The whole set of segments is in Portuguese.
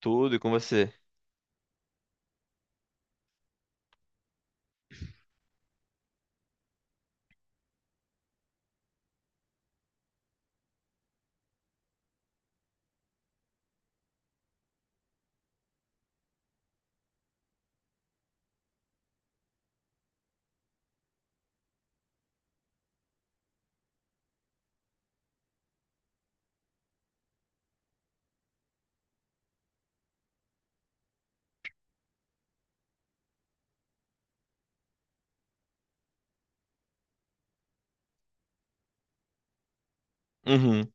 Tudo e com você? Uhum,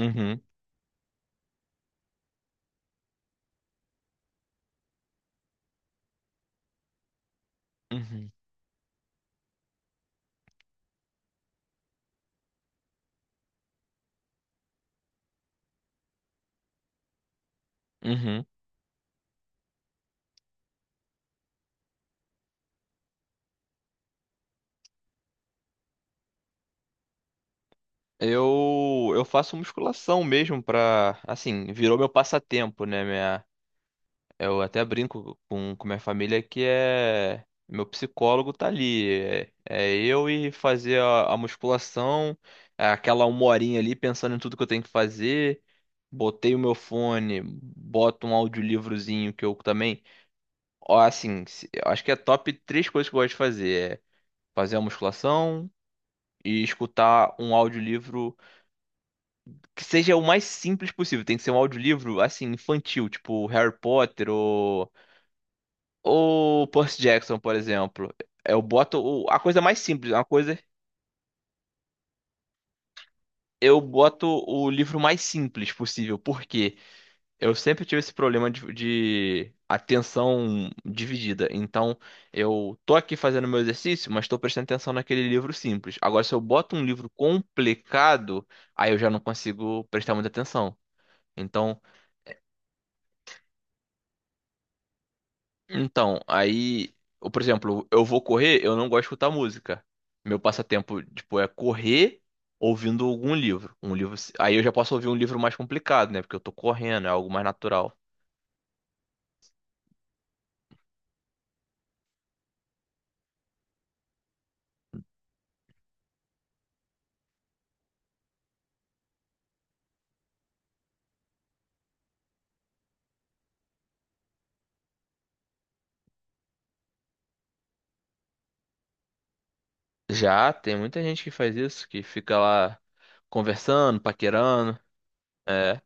uhum, uhum, uhum. Eu faço musculação mesmo pra, assim, virou meu passatempo, né? Minha, eu até brinco com minha família que é, meu psicólogo tá ali. É eu e fazer a musculação, é aquela uma horinha ali pensando em tudo que eu tenho que fazer. Botei o meu fone, boto um audiolivrozinho que eu também, ó, assim, eu acho que é top três coisas que eu gosto de fazer. É fazer a musculação e escutar um audiolivro que seja o mais simples possível. Tem que ser um audiolivro assim infantil, tipo Harry Potter ou Percy Jackson, por exemplo. Eu boto a coisa mais simples, uma coisa eu boto o livro mais simples possível, porque eu sempre tive esse problema de atenção dividida. Então, eu tô aqui fazendo meu exercício, mas tô prestando atenção naquele livro simples. Agora, se eu boto um livro complicado, aí eu já não consigo prestar muita atenção. Então, Então, aí, ou, por exemplo, eu vou correr, eu não gosto de escutar música. Meu passatempo, tipo, é correr ouvindo algum livro. Um livro, aí eu já posso ouvir um livro mais complicado, né? Porque eu tô correndo, é algo mais natural. Já tem muita gente que faz isso, que fica lá conversando, paquerando. É.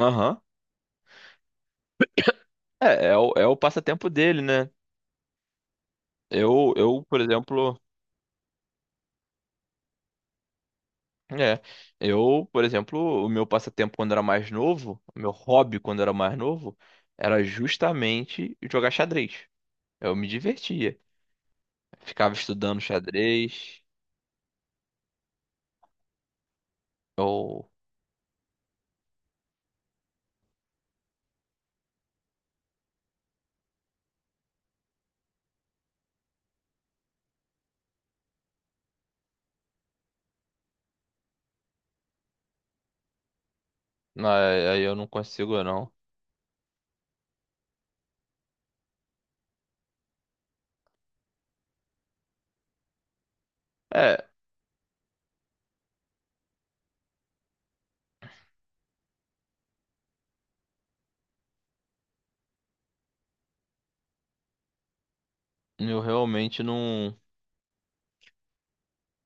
Aham. É o passatempo dele, né? Eu, por exemplo. É, eu, por exemplo, o meu passatempo quando era mais novo, o meu hobby quando era mais novo, era justamente jogar xadrez. Eu me divertia. Ficava estudando xadrez, ou, não, aí eu não consigo, não. É, eu realmente não.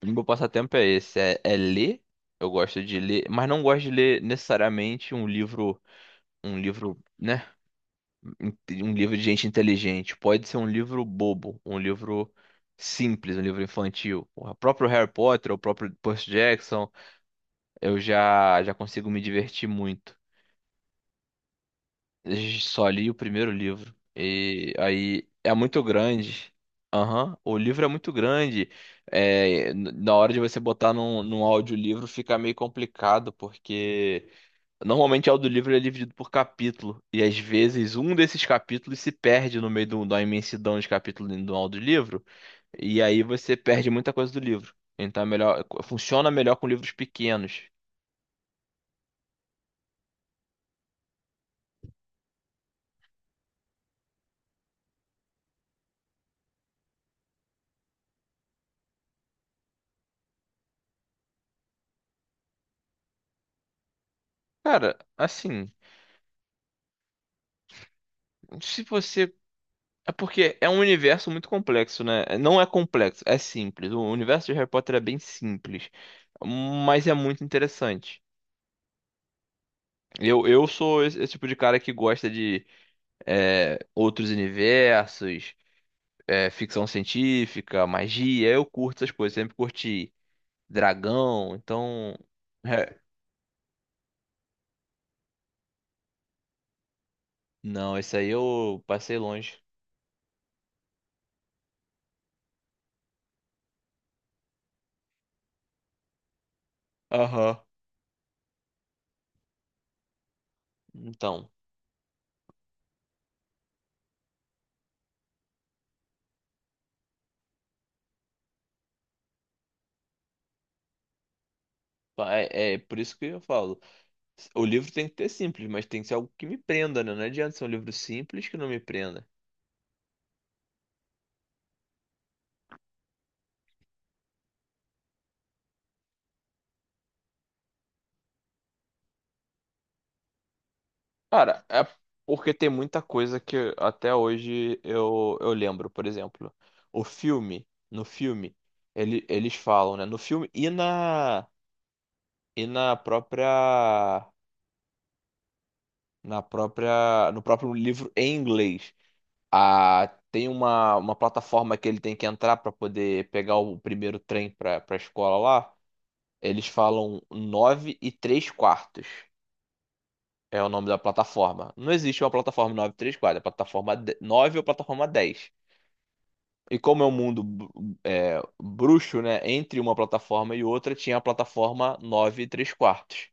O meu passatempo é esse, é ler. Eu gosto de ler, mas não gosto de ler necessariamente um livro, né? in- Um livro de gente inteligente. Pode ser um livro bobo, um livro simples, um livro infantil. O próprio Harry Potter, o próprio Percy Jackson, eu já consigo me divertir muito. Eu só li o primeiro livro e aí é muito grande. Aham. O livro é muito grande. É, na hora de você botar num audiolivro fica meio complicado, porque normalmente é o audiolivro ele é dividido por capítulo, e às vezes um desses capítulos se perde no meio da imensidão de capítulos do audiolivro, e aí você perde muita coisa do livro. Então é melhor, funciona melhor com livros pequenos. Cara, assim, se você. É porque é um universo muito complexo, né? Não é complexo, é simples. O universo de Harry Potter é bem simples, mas é muito interessante. Eu sou esse tipo de cara que gosta de outros universos. Ficção científica, magia, eu curto essas coisas, sempre curti dragão, então. Não, esse aí eu passei longe. Aham. Então, é por isso que eu falo. O livro tem que ter simples, mas tem que ser algo que me prenda, né? Não adianta ser um livro simples que não me prenda. Cara, é porque tem muita coisa que até hoje eu lembro. Por exemplo, o filme, no filme, eles falam, né? No filme e no próprio livro em inglês. Ah, tem uma plataforma que ele tem que entrar para poder pegar o primeiro trem para a escola lá. Eles falam 9 e 3 quartos. É o nome da plataforma. Não existe uma plataforma 9 e 3 quartos, é plataforma 9 ou plataforma dez. E como é um mundo bruxo, né? Entre uma plataforma e outra tinha a plataforma 9 e 3 quartos.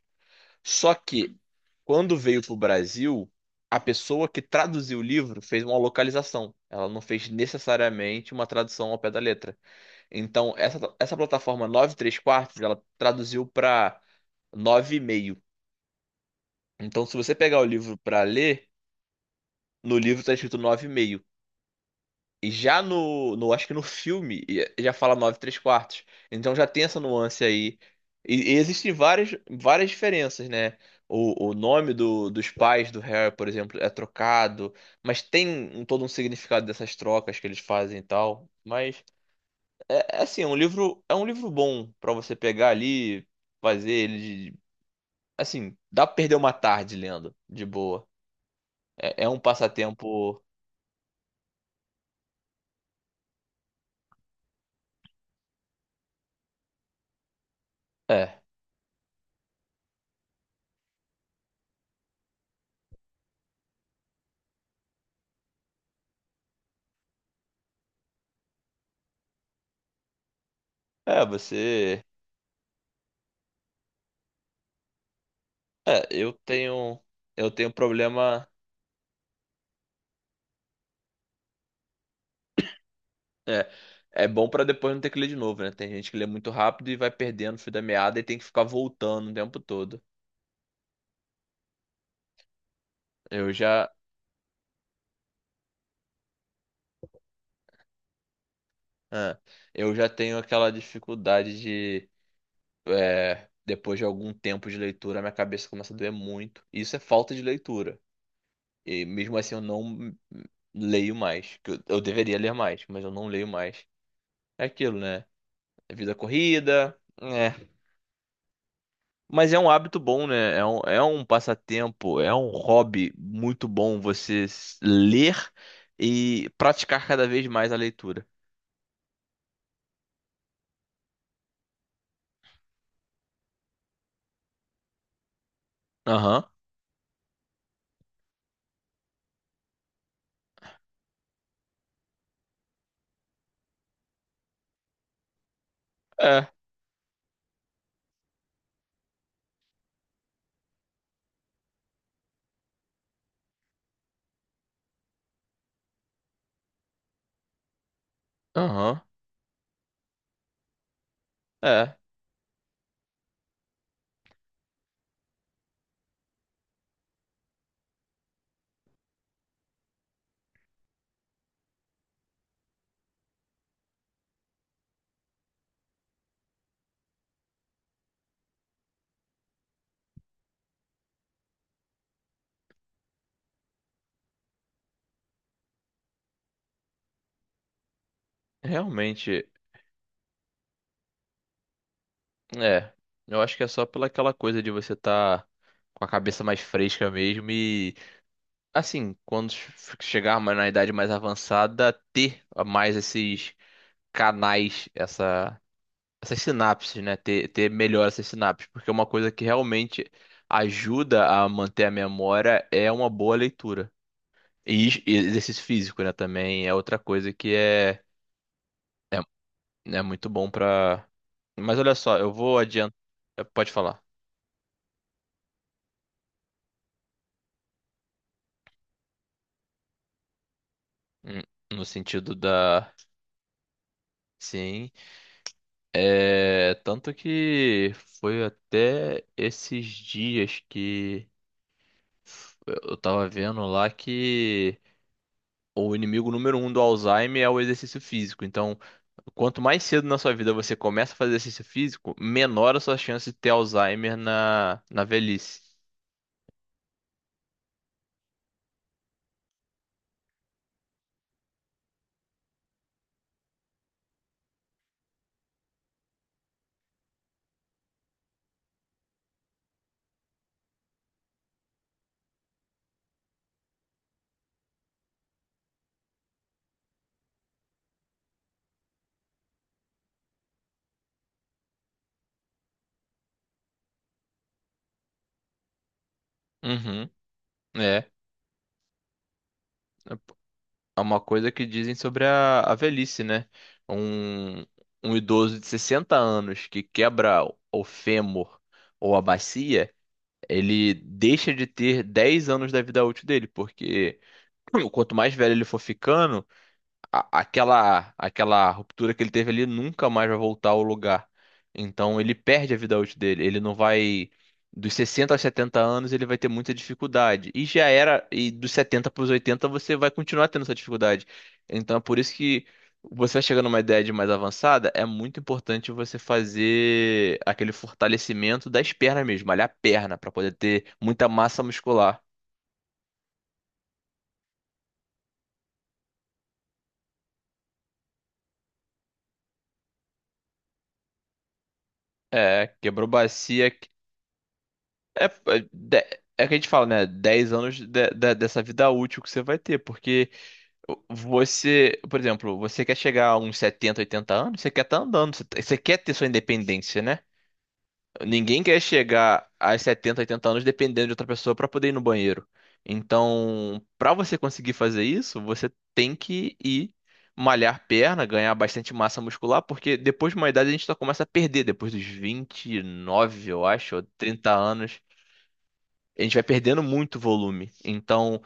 Só que quando veio pro Brasil, a pessoa que traduziu o livro fez uma localização. Ela não fez necessariamente uma tradução ao pé da letra. Então, essa plataforma 9 3 quartos, ela traduziu para nove e meio. Então, se você pegar o livro para ler, no livro está escrito nove e meio. E já no, acho que no filme, já fala 9 3 quartos. Então já tem essa nuance aí. E existem várias, várias diferenças, né? O nome dos pais do Harry, por exemplo, é trocado, mas tem um, todo um significado dessas trocas que eles fazem e tal. Mas é assim, é um livro bom pra você pegar ali, fazer ele de- assim, dá pra perder uma tarde lendo, de boa. É um passatempo. É, é você É, eu tenho eu tenho problema. É, é bom pra depois não ter que ler de novo, né? Tem gente que lê muito rápido e vai perdendo o fio da meada e tem que ficar voltando o tempo todo. Eu já, é, eu já tenho aquela dificuldade de depois de algum tempo de leitura, minha cabeça começa a doer muito. E isso é falta de leitura. E mesmo assim eu não leio mais, que eu deveria ler mais, mas eu não leio mais. É aquilo, né? É vida corrida. Mas é um hábito bom, né? É um passatempo, é um hobby muito bom você ler e praticar cada vez mais a leitura. Aham, é, aham, é, realmente, é. Eu acho que é só pela aquela coisa de você estar com a cabeça mais fresca mesmo e, assim, quando chegar mais na idade mais avançada, ter mais esses canais, essas sinapses, né? Ter melhor essas sinapses, porque é uma coisa que realmente ajuda a manter a memória é uma boa leitura. E exercício físico, né? Também é outra coisa que é, é muito bom pra. Mas olha só, eu vou adiantar. Pode falar. Hum. No sentido da. Sim. É. Tanto que foi até esses dias que eu tava vendo lá que. O inimigo número 1 do Alzheimer é o exercício físico. Então, quanto mais cedo na sua vida você começa a fazer exercício físico, menor a sua chance de ter Alzheimer na velhice. Uhum, é. É uma coisa que dizem sobre a velhice, né? Um, um idoso de 60 anos que quebra o fêmur ou a bacia, ele deixa de ter 10 anos da vida útil dele, porque quanto mais velho ele for ficando, aquela ruptura que ele teve ali nunca mais vai voltar ao lugar. Então ele perde a vida útil dele. Ele não vai dos 60 aos 70 anos ele vai ter muita dificuldade. E já era e dos 70 para os 80 você vai continuar tendo essa dificuldade. Então é por isso que você vai chegando numa idade mais avançada, é muito importante você fazer aquele fortalecimento das pernas mesmo, malhar a perna para poder ter muita massa muscular. É, quebrou bacia. É, é, de- é que a gente fala, né? 10 anos dessa vida útil que você vai ter, porque você, por exemplo, você quer chegar a uns 70, 80 anos, você quer estar andando, você, tá, você quer ter sua independência, né? Ninguém quer chegar aos 70, 80 anos dependendo de outra pessoa para poder ir no banheiro. Então, para você conseguir fazer isso, você tem que ir malhar perna, ganhar bastante massa muscular, porque depois de uma idade a gente só começa a perder, depois dos 29 eu acho, ou 30 anos a gente vai perdendo muito volume. Então,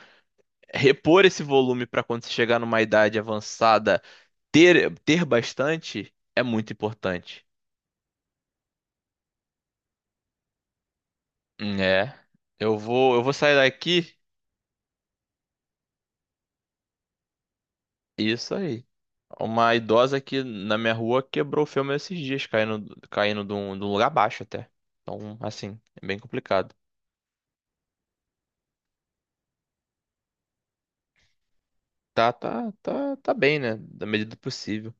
repor esse volume para quando você chegar numa idade avançada, ter bastante é muito importante. É. Eu vou sair daqui. Isso aí. Uma idosa aqui na minha rua quebrou o filme esses dias, caindo, caindo de um lugar baixo até. Então, assim, é bem complicado. Tá, tá, tá, tá bem, né? Da medida do possível.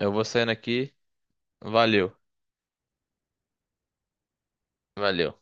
Eu vou saindo aqui. Valeu, valeu.